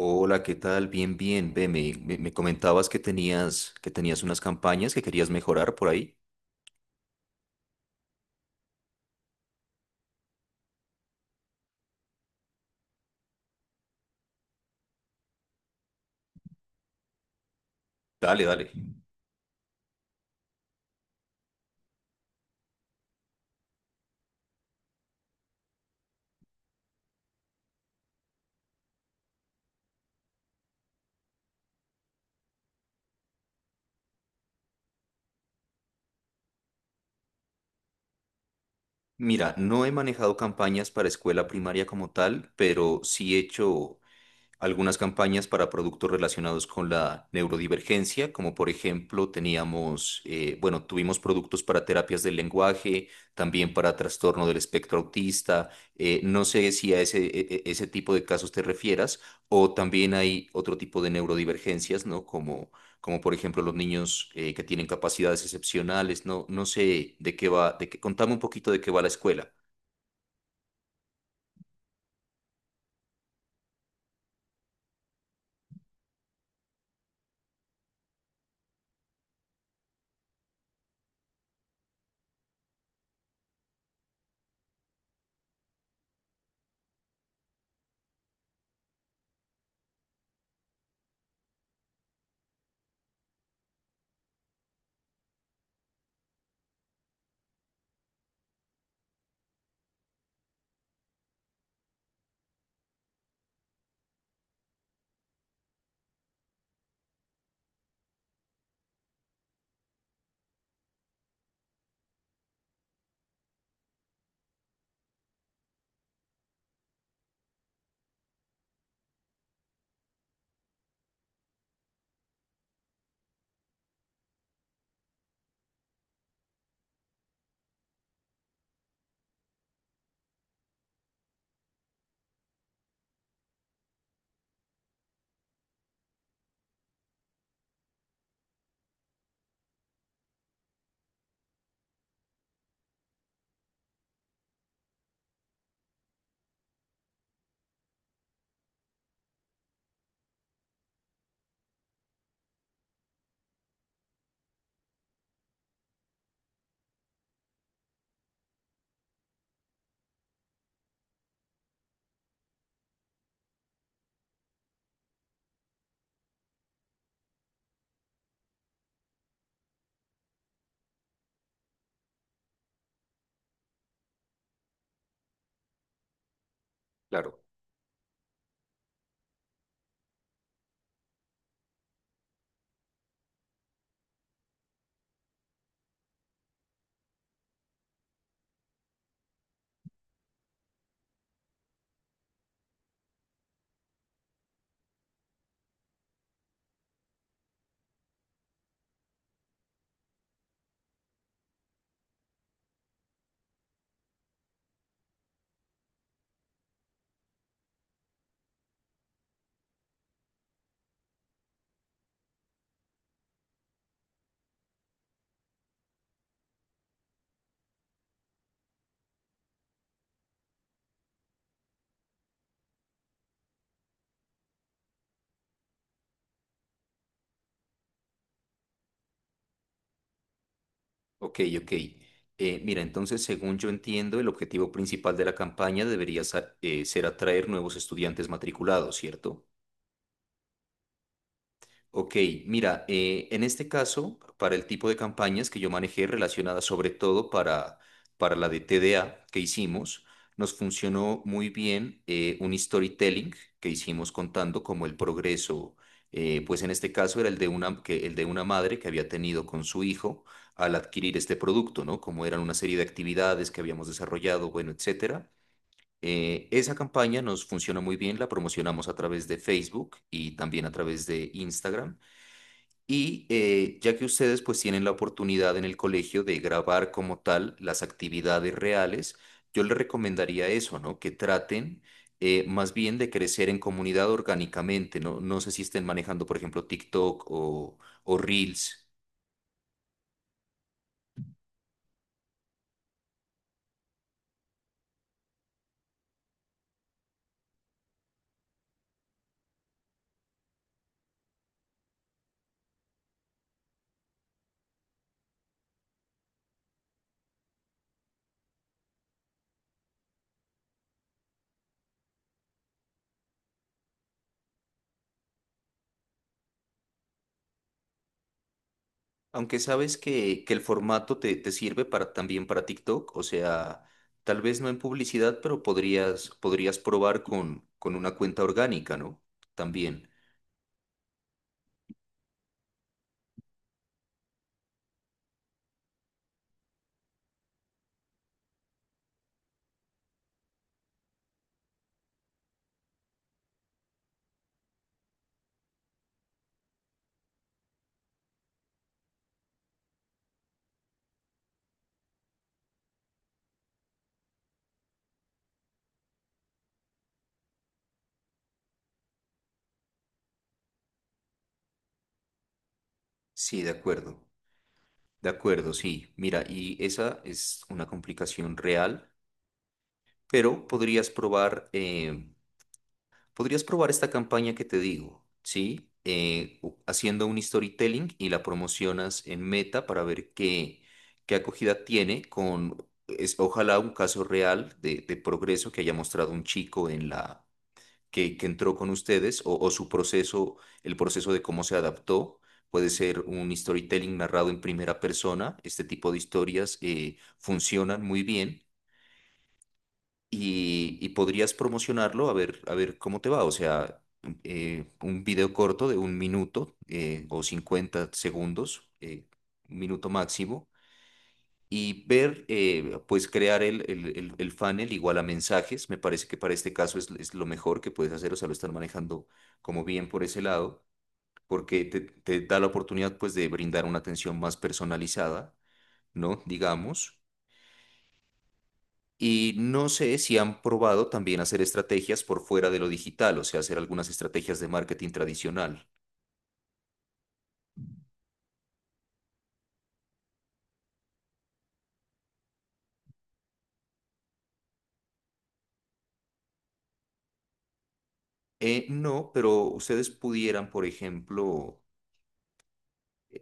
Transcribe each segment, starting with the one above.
Hola, ¿qué tal? Bien, bien. Ve, me comentabas que tenías unas campañas que querías mejorar por ahí. Dale, dale. Mira, no he manejado campañas para escuela primaria como tal, pero sí he hecho algunas campañas para productos relacionados con la neurodivergencia, como por ejemplo teníamos, bueno, tuvimos productos para terapias del lenguaje, también para trastorno del espectro autista. No sé si a ese tipo de casos te refieras, o también hay otro tipo de neurodivergencias, ¿no? Como por ejemplo los niños que tienen capacidades excepcionales, ¿no? No sé de qué va, de qué, contame un poquito de qué va la escuela. Claro. Ok, ok. Mira, entonces, según yo entiendo, el objetivo principal de la campaña debería ser atraer nuevos estudiantes matriculados, ¿cierto? Ok, mira, en este caso, para el tipo de campañas que yo manejé relacionadas sobre todo para la de TDA que hicimos, nos funcionó muy bien un storytelling que hicimos contando como el progreso, pues en este caso era el de una, que, el de una madre que había tenido con su hijo al adquirir este producto, ¿no? Como eran una serie de actividades que habíamos desarrollado, bueno, etcétera. Esa campaña nos funcionó muy bien, la promocionamos a través de Facebook y también a través de Instagram. Y ya que ustedes pues tienen la oportunidad en el colegio de grabar como tal las actividades reales, yo les recomendaría eso, ¿no? Que traten más bien de crecer en comunidad orgánicamente, ¿no? No sé si estén manejando, por ejemplo, TikTok o Reels, aunque sabes que el formato te sirve para, también para TikTok, o sea, tal vez no en publicidad, pero podrías probar con una cuenta orgánica, ¿no? También. Sí, de acuerdo. De acuerdo, sí. Mira, y esa es una complicación real, pero podrías probar esta campaña que te digo, ¿sí? Haciendo un storytelling y la promocionas en Meta para ver qué, qué acogida tiene con, es, ojalá un caso real de progreso que haya mostrado un chico en la que entró con ustedes o su proceso, el proceso de cómo se adaptó. Puede ser un storytelling narrado en primera persona. Este tipo de historias funcionan muy bien y podrías promocionarlo a ver cómo te va. O sea, un video corto de un minuto o 50 segundos, un minuto máximo y ver, pues crear el funnel igual a mensajes. Me parece que para este caso es lo mejor que puedes hacer, o sea, lo están manejando como bien por ese lado, porque te da la oportunidad pues de brindar una atención más personalizada, ¿no? Digamos. Y no sé si han probado también hacer estrategias por fuera de lo digital, o sea, hacer algunas estrategias de marketing tradicional. No, pero ustedes pudieran, por ejemplo,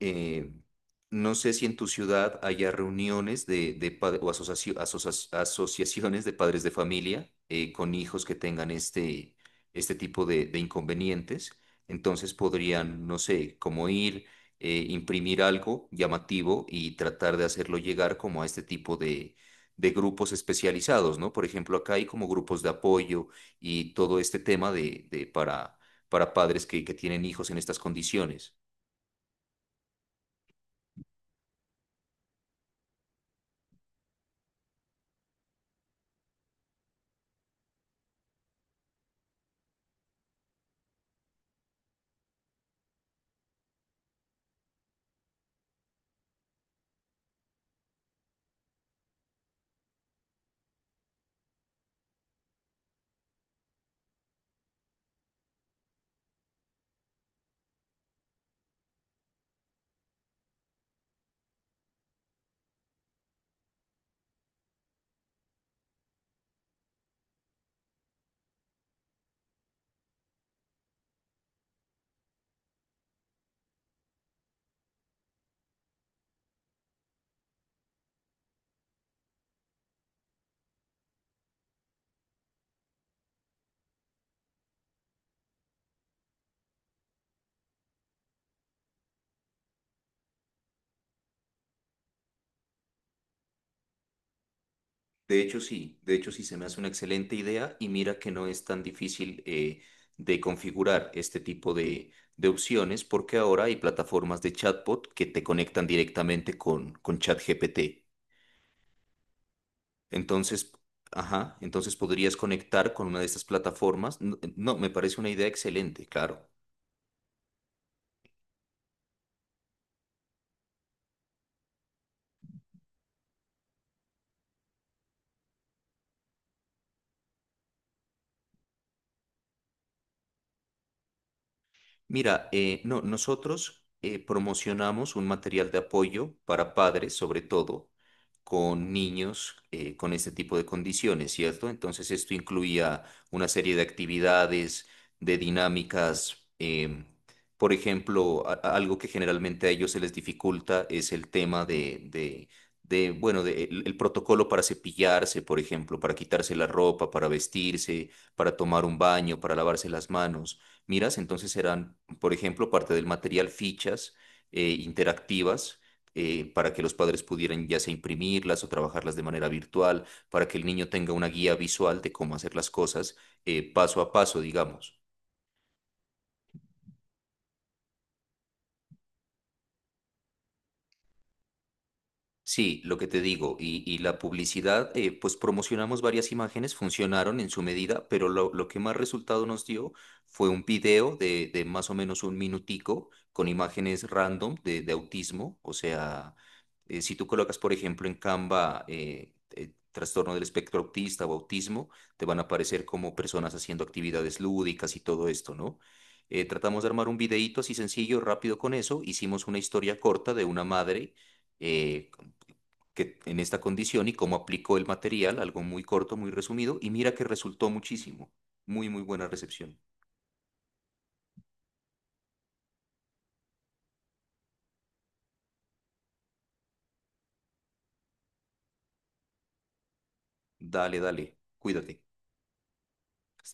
eh, no sé si en tu ciudad haya reuniones de, asociaciones de padres de familia con hijos que tengan este, este tipo de inconvenientes. Entonces podrían, no sé, como ir, imprimir algo llamativo y tratar de hacerlo llegar como a este tipo de grupos especializados, ¿no? Por ejemplo, acá hay como grupos de apoyo y todo este tema de para padres que tienen hijos en estas condiciones. De hecho, sí se me hace una excelente idea y mira que no es tan difícil de configurar este tipo de opciones porque ahora hay plataformas de chatbot que te conectan directamente con ChatGPT. Entonces, ajá, entonces podrías conectar con una de estas plataformas. No, me parece una idea excelente, claro. Mira, no, nosotros promocionamos un material de apoyo para padres, sobre todo con niños con este tipo de condiciones, ¿cierto? Entonces esto incluía una serie de actividades, de dinámicas. Por ejemplo, algo que generalmente a ellos se les dificulta es el tema de, bueno, de el protocolo para cepillarse, por ejemplo, para quitarse la ropa, para vestirse, para tomar un baño, para lavarse las manos miras, entonces serán, por ejemplo, parte del material fichas interactivas para que los padres pudieran ya sea imprimirlas o trabajarlas de manera virtual, para que el niño tenga una guía visual de cómo hacer las cosas paso a paso, digamos. Sí, lo que te digo, y la publicidad, pues promocionamos varias imágenes, funcionaron en su medida, pero lo que más resultado nos dio fue un video de más o menos un minutico con imágenes random de autismo. O sea, si tú colocas, por ejemplo, en Canva trastorno del espectro autista o autismo, te van a aparecer como personas haciendo actividades lúdicas y todo esto, ¿no? Tratamos de armar un videíto así sencillo, rápido con eso. Hicimos una historia corta de una madre. eh, que en esta condición y cómo aplicó el material, algo muy corto, muy resumido, y mira que resultó muchísimo. Muy, muy buena recepción. Dale, dale, cuídate. Hasta